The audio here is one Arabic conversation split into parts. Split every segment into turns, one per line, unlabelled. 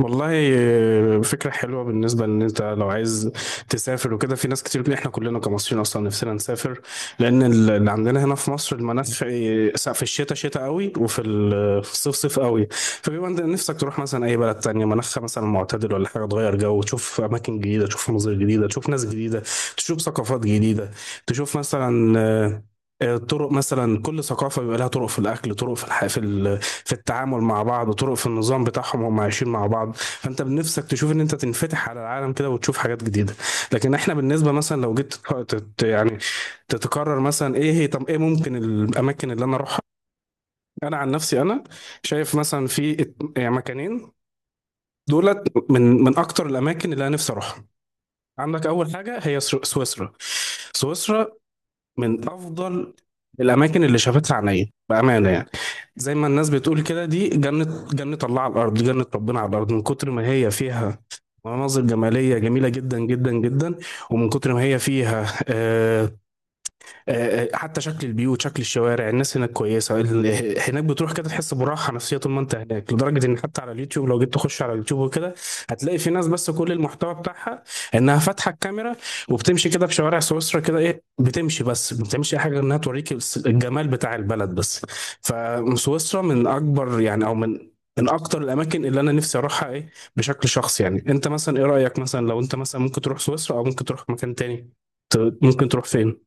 والله فكرة حلوة. بالنسبة ان انت لو عايز تسافر وكده، في ناس كتير. احنا كلنا كمصريين اصلا نفسنا نسافر، لان اللي عندنا هنا في مصر المناخ، في الشتاء شتاء قوي، وفي ال- في الصيف صيف قوي. فبيبقى انت نفسك تروح مثلا اي بلد تانية مناخها مثلا معتدل، ولا حاجة تغير جو، تشوف اماكن جديدة، تشوف مناظر جديدة، تشوف ناس جديدة، تشوف ثقافات جديدة، تشوف مثلا طرق. مثلا كل ثقافة بيبقى لها طرق في الأكل، طرق في التعامل مع بعض، وطرق في النظام بتاعهم هم عايشين مع بعض. فانت بنفسك تشوف ان انت تنفتح على العالم كده، وتشوف حاجات جديده. لكن احنا بالنسبه مثلا لو جيت يعني تتكرر مثلا، ايه هي؟ طب ايه ممكن الاماكن اللي انا اروحها؟ انا عن نفسي، انا شايف مثلا في يعني مكانين، دولت من اكتر الاماكن اللي انا نفسي اروحها. عندك اول حاجه هي سويسرا. سويسرا من افضل الاماكن اللي شافتها عينيا، بامانه يعني. زي ما الناس بتقول كده، دي جنه، جنه الله على الارض، جنه ربنا على الارض، من كتر ما هي فيها مناظر جماليه جميله جدا جدا جدا، ومن كتر ما هي فيها حتى شكل البيوت، شكل الشوارع، الناس هناك كويسه. هناك بتروح كده تحس براحه نفسيه طول ما انت هناك، لدرجه ان حتى على اليوتيوب، لو جيت تخش على اليوتيوب وكده هتلاقي في ناس بس كل المحتوى بتاعها انها فاتحه الكاميرا، وبتمشي كده في شوارع سويسرا كده، ايه، بتمشي، بس ما بتعملش اي حاجه غير انها توريك الجمال بتاع البلد بس. فسويسرا من اكبر يعني، او من اكتر الاماكن اللي انا نفسي اروحها، ايه، بشكل شخصي يعني. انت مثلا ايه رايك؟ مثلا لو انت مثلا ممكن تروح سويسرا، او ممكن تروح مكان تاني؟ ممكن تروح فين؟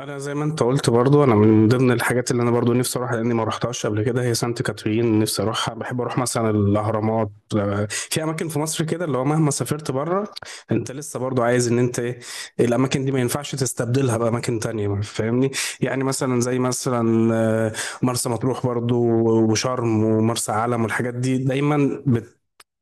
انا زي ما انت قلت برضو، انا من ضمن الحاجات اللي انا برضو نفسي اروحها لاني ما رحتهاش قبل كده هي سانت كاترين، نفسي اروحها. بحب اروح مثلا الاهرامات. في اماكن في مصر كده اللي هو مهما سافرت بره، انت لسه برضو عايز ان انت، ايه، الاماكن دي ما ينفعش تستبدلها باماكن تانية، فاهمني؟ يعني مثلا زي مثلا مرسى مطروح برضو، وشرم، ومرسى علم، والحاجات دي دايما.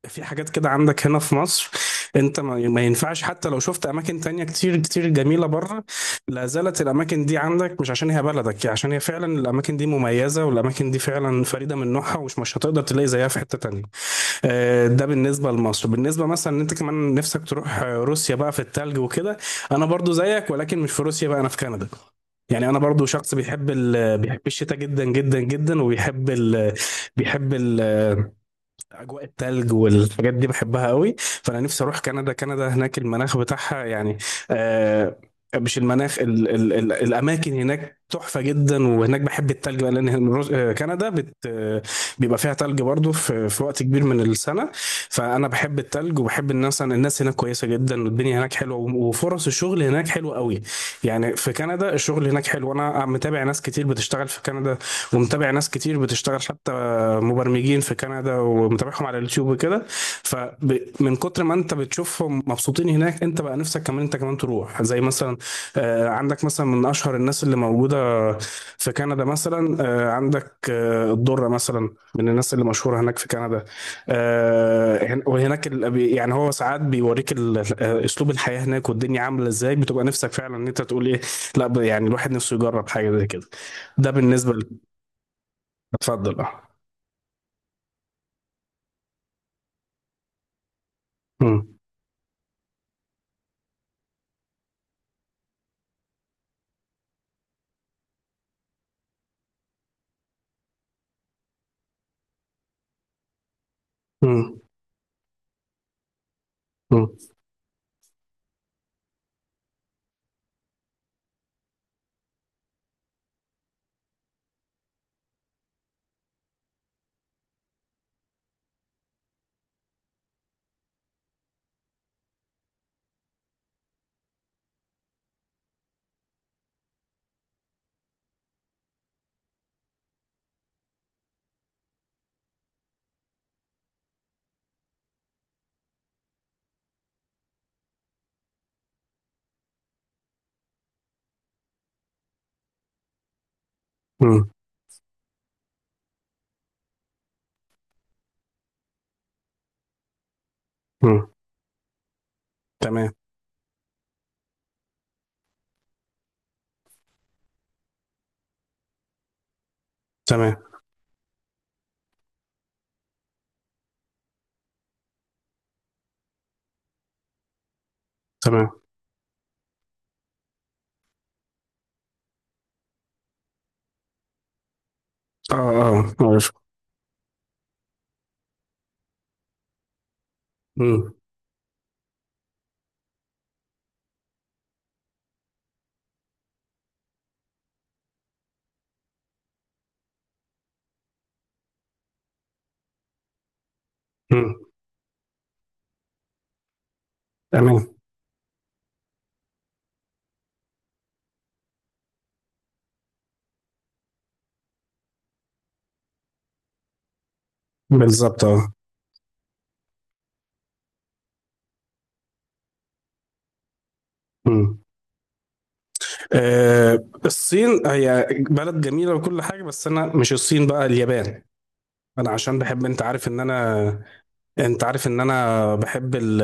في حاجات كده عندك هنا في مصر انت ما ينفعش. حتى لو شفت اماكن تانية كتير كتير جميلة بره، لا زالت الاماكن دي عندك، مش عشان هي بلدك يعني، عشان هي فعلا الاماكن دي مميزة، والاماكن دي فعلا فريدة من نوعها، ومش مش هتقدر تلاقي زيها في حتة تانية. ده بالنسبة لمصر. بالنسبة مثلا ان انت كمان نفسك تروح روسيا بقى في التلج وكده، انا برضو زيك، ولكن مش في روسيا بقى، انا في كندا. يعني انا برضو شخص بيحب الشتاء جدا جدا جدا، وبيحب بيحب ال... اجواء التلج والحاجات دي، بحبها قوي. فانا نفسي اروح كندا. كندا هناك المناخ بتاعها يعني، آه مش المناخ، ال ال ال الاماكن هناك تحفه جدا. وهناك بحب التلج بقى، لان الروز- آه، كندا بت آه، بيبقى فيها تلج برضو في وقت كبير من السنه. فانا بحب التلج وبحب الناس. الناس هناك كويسه جدا، والدنيا هناك حلوه، وفرص الشغل هناك حلوه قوي. يعني في كندا الشغل هناك حلو، انا متابع ناس كتير بتشتغل في كندا، ومتابع ناس كتير بتشتغل حتى مبرمجين في كندا، ومتابعهم على اليوتيوب وكده. فمن كتر ما انت بتشوفهم مبسوطين هناك، انت بقى نفسك كمان، انت كمان تروح. زي مثلا عندك مثلا من اشهر الناس اللي موجوده في كندا، مثلا عندك الدره مثلا، من الناس اللي مشهوره هناك في كندا. وهناك يعني هو ساعات بيوريك اسلوب الحياه هناك والدنيا عامله ازاي، بتبقى نفسك فعلا ان انت تقول ايه. لا، يعني الواحد نفسه يجرب حاجه زي كده. ده بالنسبه اتفضل، اه. مم. مم. مم. مم. مم. تمام. تمام. تمام. اه، اه، عارف. مم. مم. تمام. بالظبط، اه. مم. الصين هي بلد جميلة وكل حاجة، بس أنا مش الصين بقى، اليابان. أنا عشان بحب، أنت عارف إن أنا بحب ال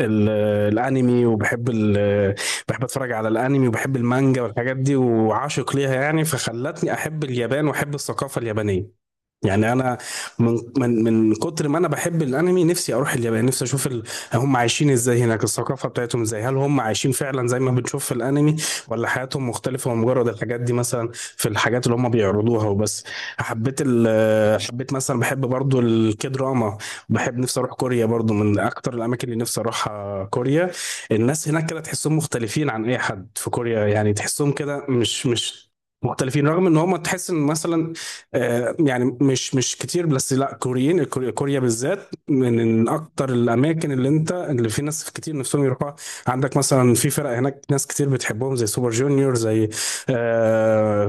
ال الأنمي، وبحب ال بحب أتفرج على الأنمي، وبحب المانجا والحاجات دي، وعاشق ليها يعني. فخلتني أحب اليابان وأحب الثقافة اليابانية. يعني انا من من من كتر ما انا بحب الانمي، نفسي اروح اليابان، نفسي اشوف هم عايشين ازاي هناك، الثقافه بتاعتهم ازاي، هل هم عايشين فعلا زي ما بنشوف في الانمي، ولا حياتهم مختلفه، ومجرد الحاجات دي مثلا في الحاجات اللي هم بيعرضوها وبس. حبيت مثلا، بحب برضو الكدراما. بحب، نفسي اروح كوريا برضو. من اكتر الاماكن اللي نفسي اروحها كوريا، الناس هناك كده تحسهم مختلفين عن اي حد. في كوريا يعني تحسهم كده مش مختلفين، رغم ان هم، تحس ان مثلا يعني مش كتير، بس لا كوريين. كوريا، كوريا بالذات من اكتر الاماكن اللي انت، اللي في ناس كتير نفسهم يروحوها. عندك مثلا في فرق هناك ناس كتير بتحبهم زي سوبر جونيور، زي آه،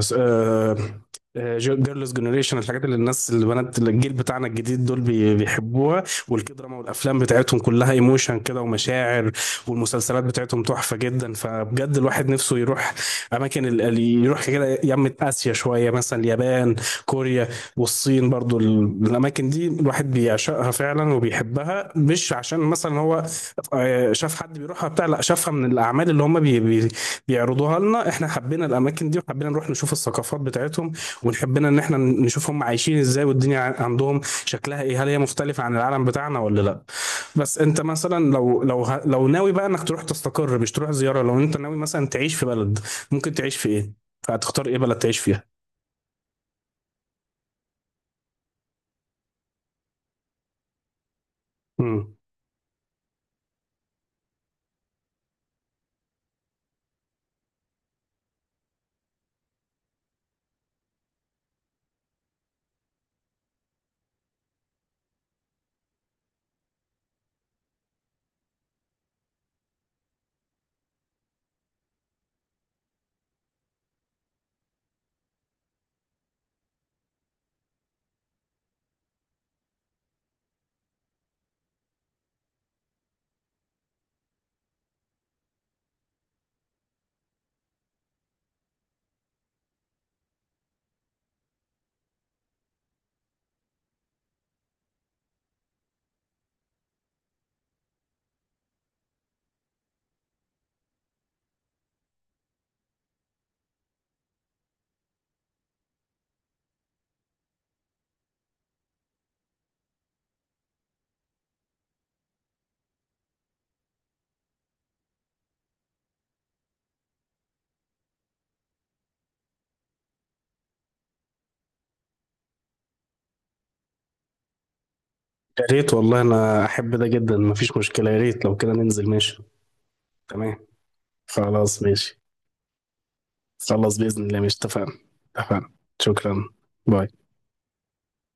جيرلز جنريشن. الحاجات اللي الناس، اللي بنات، اللي الجيل بتاعنا الجديد دول بيحبوها، والكي دراما والافلام بتاعتهم كلها ايموشن كده ومشاعر، والمسلسلات بتاعتهم تحفه جدا. فبجد الواحد نفسه يروح اماكن ال- ال- يروح كده يمة اسيا شويه، مثلا اليابان، كوريا، والصين برضو. الاماكن دي الواحد بيعشقها فعلا وبيحبها، مش عشان مثلا هو شاف حد بيروحها بتاع، لا، شافها من الاعمال اللي هم بي بي بيعرضوها لنا. احنا حبينا الاماكن دي، وحبينا نروح نشوف الثقافات بتاعتهم، ونحبنا ان احنا نشوفهم عايشين ازاي، والدنيا عندهم شكلها ايه، هل هي مختلفة عن العالم بتاعنا ولا لا. بس انت مثلا لو ناوي بقى انك تروح تستقر، مش تروح زيارة، لو انت ناوي مثلا تعيش في بلد، ممكن تعيش في ايه؟ فهتختار ايه بلد تعيش فيها؟ امم يا ريت، والله انا احب ده جدا، مفيش مشكلة. يا ريت، لو كده ننزل، ماشي. تمام. خلاص ماشي. خلاص بإذن الله ماشي، اتفقنا. اتفقنا. شكرا. باي.